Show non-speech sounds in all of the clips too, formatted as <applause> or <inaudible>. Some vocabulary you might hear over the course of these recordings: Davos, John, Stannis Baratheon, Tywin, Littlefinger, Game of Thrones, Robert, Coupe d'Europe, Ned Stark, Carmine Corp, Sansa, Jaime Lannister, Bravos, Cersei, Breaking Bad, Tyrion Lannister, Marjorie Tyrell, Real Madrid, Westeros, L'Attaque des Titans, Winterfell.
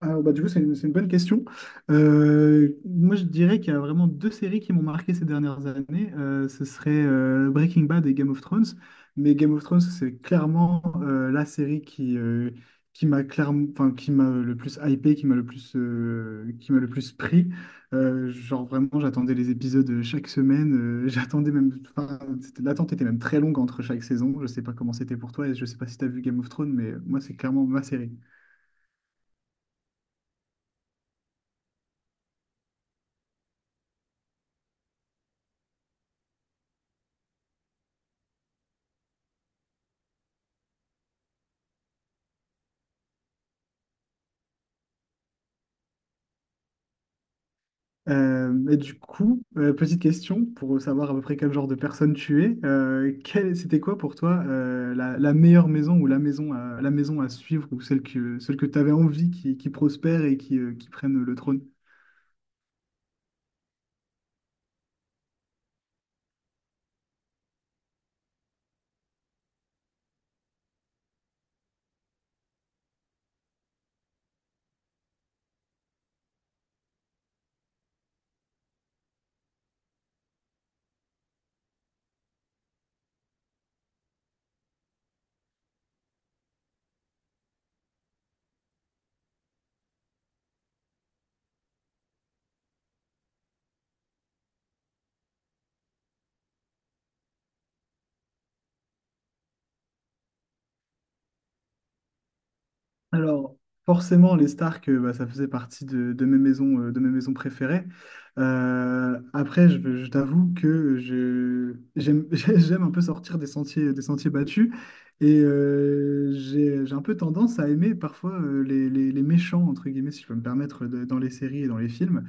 Ah, bah, du coup, c'est une bonne question. Moi, je dirais qu'il y a vraiment deux séries qui m'ont marqué ces dernières années. Ce serait Breaking Bad et Game of Thrones. Mais Game of Thrones, c'est clairement la série qui m'a clairement, enfin, qui m'a le plus hypé, qui m'a le plus pris. Genre, vraiment, j'attendais les épisodes chaque semaine. <laughs> J'attendais même, enfin, l'attente était même très longue entre chaque saison. Je sais pas comment c'était pour toi et je sais pas si tu as vu Game of Thrones, mais moi, c'est clairement ma série. Et du coup, petite question pour savoir à peu près quel genre de personne tu es. C'était quoi pour toi la meilleure maison ou la maison à suivre ou celle que tu avais envie qui, prospère et qui prenne le trône? Alors, forcément, les Stark, bah, ça faisait partie de mes maisons préférées. Après, je t'avoue que j'aime, <laughs> j'aime un peu sortir des sentiers battus. Et j'ai un peu tendance à aimer parfois les méchants, entre guillemets, si je peux me permettre, dans les séries et dans les films.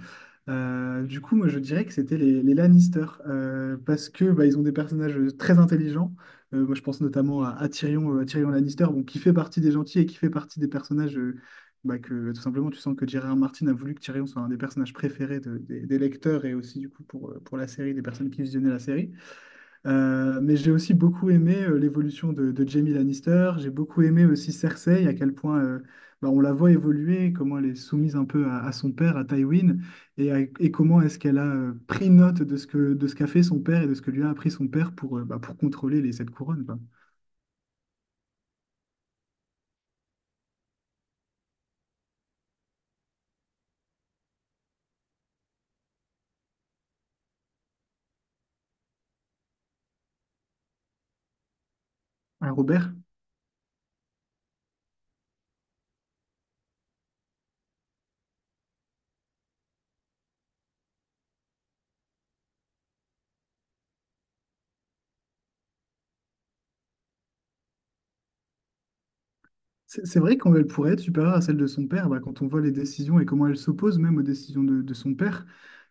Du coup, moi, je dirais que c'était les Lannister, parce que bah, ils ont des personnages très intelligents. Moi, je pense notamment à Tyrion Lannister, bon, qui fait partie des gentils et qui fait partie des personnages bah, que, tout simplement, tu sens que J.R.R. Martin a voulu que Tyrion soit un des personnages préférés des lecteurs et aussi, du coup, pour la série, des personnes qui visionnaient la série. Mais j'ai aussi beaucoup aimé l'évolution de Jaime Lannister. J'ai beaucoup aimé aussi Cersei, à quel point bah, on la voit évoluer, comment elle est soumise un peu à son père, à Tywin, et, et comment est-ce qu'elle a pris note de ce que, de ce qu'a fait son père et de ce que lui a appris son père pour, bah, pour contrôler les sept couronnes, quoi. Hein, Robert? C'est vrai qu'elle pourrait être supérieure à celle de son père, bah, quand on voit les décisions et comment elle s'oppose même aux décisions de son père.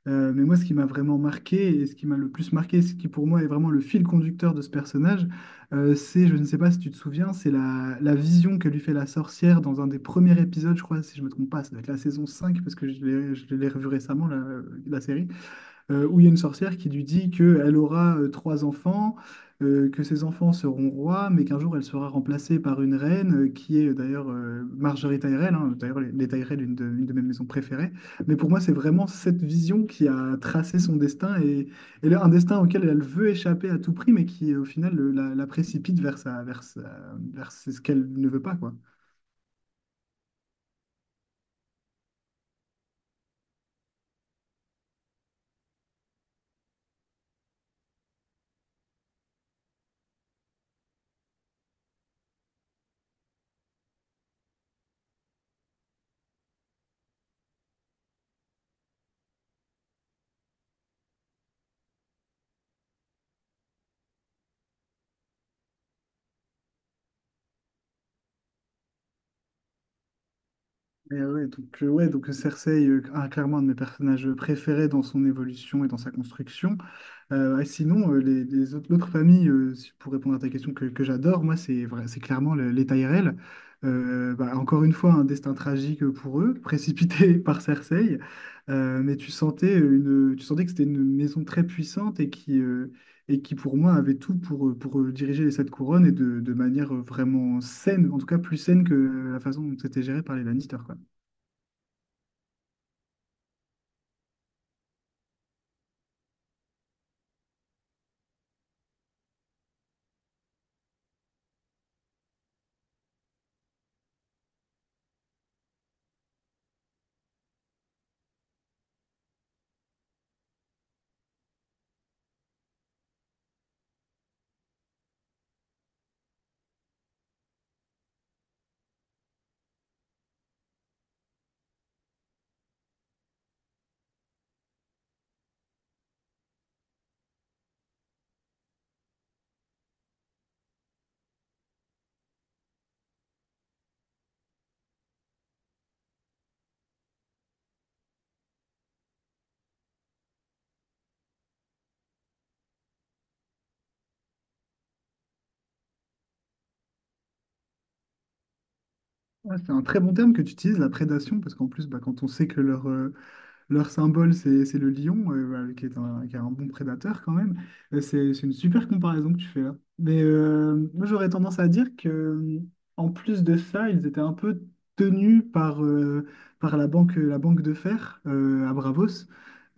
Mais moi, ce qui m'a vraiment marqué et ce qui m'a le plus marqué, ce qui pour moi est vraiment le fil conducteur de ce personnage, c'est, je ne sais pas si tu te souviens, c'est la vision que lui fait la sorcière dans un des premiers épisodes, je crois, si je ne me trompe pas, ça doit être la saison 5 parce que je l'ai revu récemment, la série où il y a une sorcière qui lui dit qu'elle aura trois enfants, que ses enfants seront rois, mais qu'un jour elle sera remplacée par une reine, qui est d'ailleurs Marjorie Tyrell, hein. D'ailleurs les Tyrell, une de mes maisons préférées. Mais pour moi, c'est vraiment cette vision qui a tracé son destin, et là, un destin auquel elle veut échapper à tout prix, mais qui au final la précipite vers, sa, vers, vers ce qu'elle ne veut pas, quoi. Et ouais, donc Cersei, ah, clairement un de mes personnages préférés dans son évolution et dans sa construction. Et sinon, les autres, l'autre famille, pour répondre à ta question que j'adore, moi, c'est clairement les Tyrell. Bah, encore une fois, un destin tragique pour eux, précipité <laughs> par Cersei. Mais tu sentais, une, tu sentais que c'était une maison très puissante et qui, pour moi, avait tout pour, diriger les Sept Couronnes et de manière vraiment saine, en tout cas plus saine que la façon dont c'était géré par les Lannister, quoi. Ouais, c'est un très bon terme que tu utilises, la prédation, parce qu'en plus, bah, quand on sait que leur symbole, c'est le lion, voilà, qui est un bon prédateur quand même. C'est une super comparaison que tu fais là. Mais moi, j'aurais tendance à dire que, en plus de ça, ils étaient un peu tenus par, par la banque de fer à Bravos,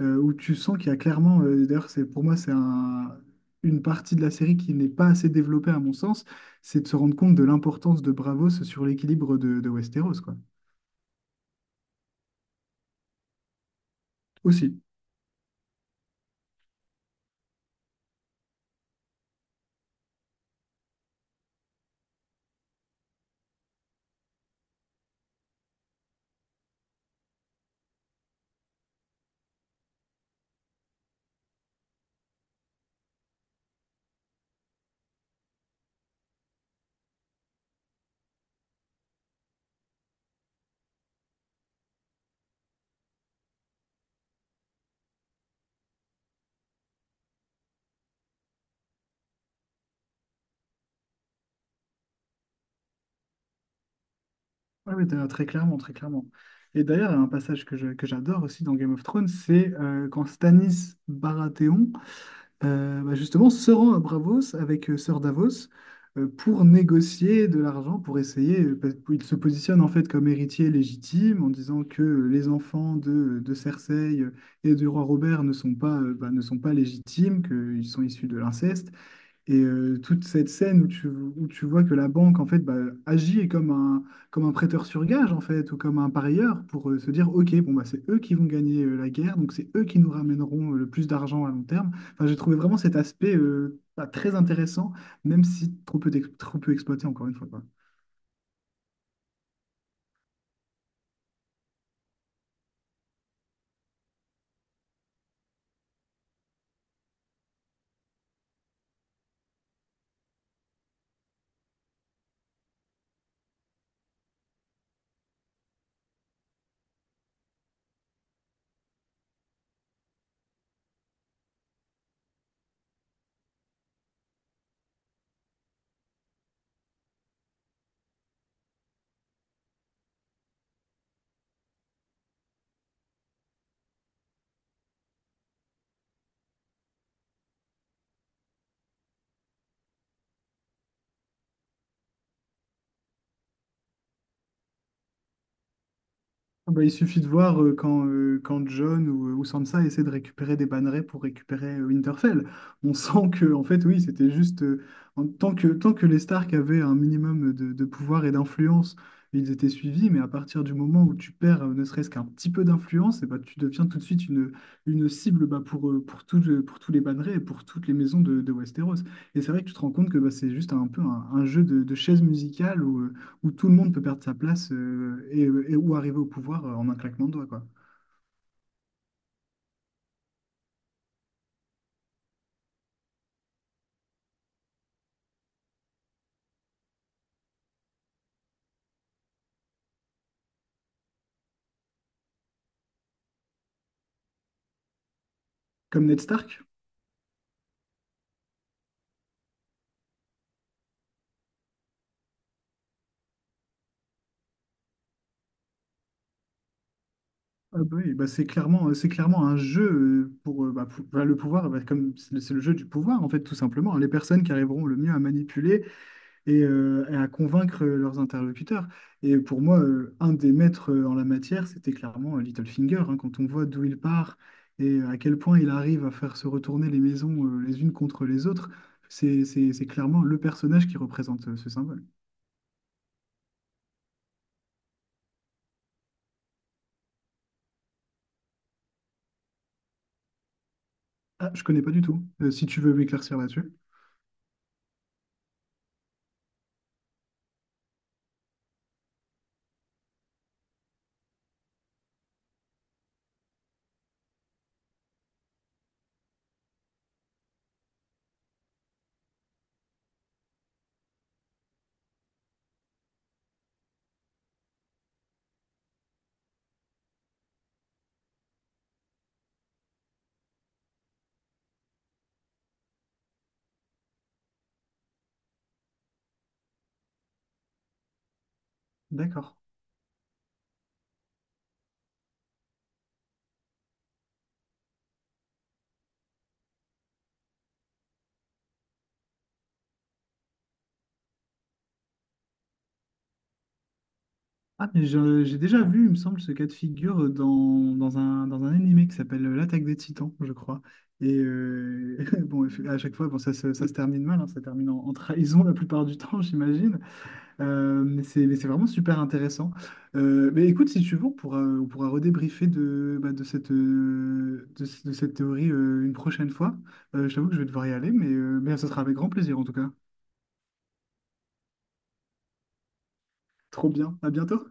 où tu sens qu'il y a clairement, d'ailleurs, c'est pour moi, une partie de la série qui n'est pas assez développée à mon sens, c'est de se rendre compte de l'importance de Bravos sur l'équilibre de Westeros, quoi. Aussi. Ouais, mais d'ailleurs, très clairement, très clairement. Et d'ailleurs, il y a un passage que j'adore aussi dans Game of Thrones, c'est quand Stannis Baratheon, bah, justement, se rend à Bravos avec Sir Davos pour négocier de l'argent, pour essayer. Parce qu'il se positionne en fait comme héritier légitime en disant que les enfants de Cersei et du roi Robert ne sont pas, bah, ne sont pas légitimes, qu'ils sont issus de l'inceste. Et toute cette scène où tu vois que la banque, en fait, bah, agit comme un prêteur sur gage, en fait, ou comme un parieur, pour se dire, OK, bon, bah, c'est eux qui vont gagner la guerre, donc c'est eux qui nous ramèneront le plus d'argent à long terme. Enfin, j'ai trouvé vraiment cet aspect bah, très intéressant, même si trop peu, trop peu exploité, encore une fois, quoi. Ah bah, il suffit de voir quand John ou Sansa essaient de récupérer des bannerets pour récupérer Winterfell. On sent que, en fait, oui, c'était juste. Tant que les Stark avaient un minimum de pouvoir et d'influence, ils étaient suivis, mais à partir du moment où tu perds ne serait-ce qu'un petit peu d'influence, eh bah, tu deviens tout de suite une cible bah, pour, pour tous les bannerets et pour toutes les maisons de Westeros. Et c'est vrai que tu te rends compte que bah, c'est juste un peu un jeu de chaises musicales où tout le monde peut perdre sa place et où arriver au pouvoir en un claquement de doigts, quoi. Comme Ned Stark, ah bah oui, bah c'est clairement un jeu pour, bah, bah, le pouvoir, bah, comme c'est le jeu du pouvoir, en fait, tout simplement, hein. Les personnes qui arriveront le mieux à manipuler et à convaincre leurs interlocuteurs. Et pour moi, un des maîtres en la matière, c'était clairement Littlefinger, hein. Quand on voit d'où il part et à quel point il arrive à faire se retourner les maisons les unes contre les autres, c'est clairement le personnage qui représente ce symbole. Ah, je connais pas du tout. Si tu veux m'éclaircir là-dessus. D'accord. Ah, mais j'ai déjà vu, il me semble, ce cas de figure dans un animé qui s'appelle L'Attaque des Titans, je crois. Et <laughs> bon, à chaque fois, bon, ça se termine mal, hein, ça termine en, en trahison la plupart du <laughs> temps, j'imagine. Mais c'est vraiment super intéressant. Mais écoute, si tu veux, on pourra redébriefer de, bah, de cette, de cette théorie une prochaine fois. Je t'avoue que je vais devoir y aller, mais mais ça sera avec grand plaisir en tout cas. Trop bien. À bientôt.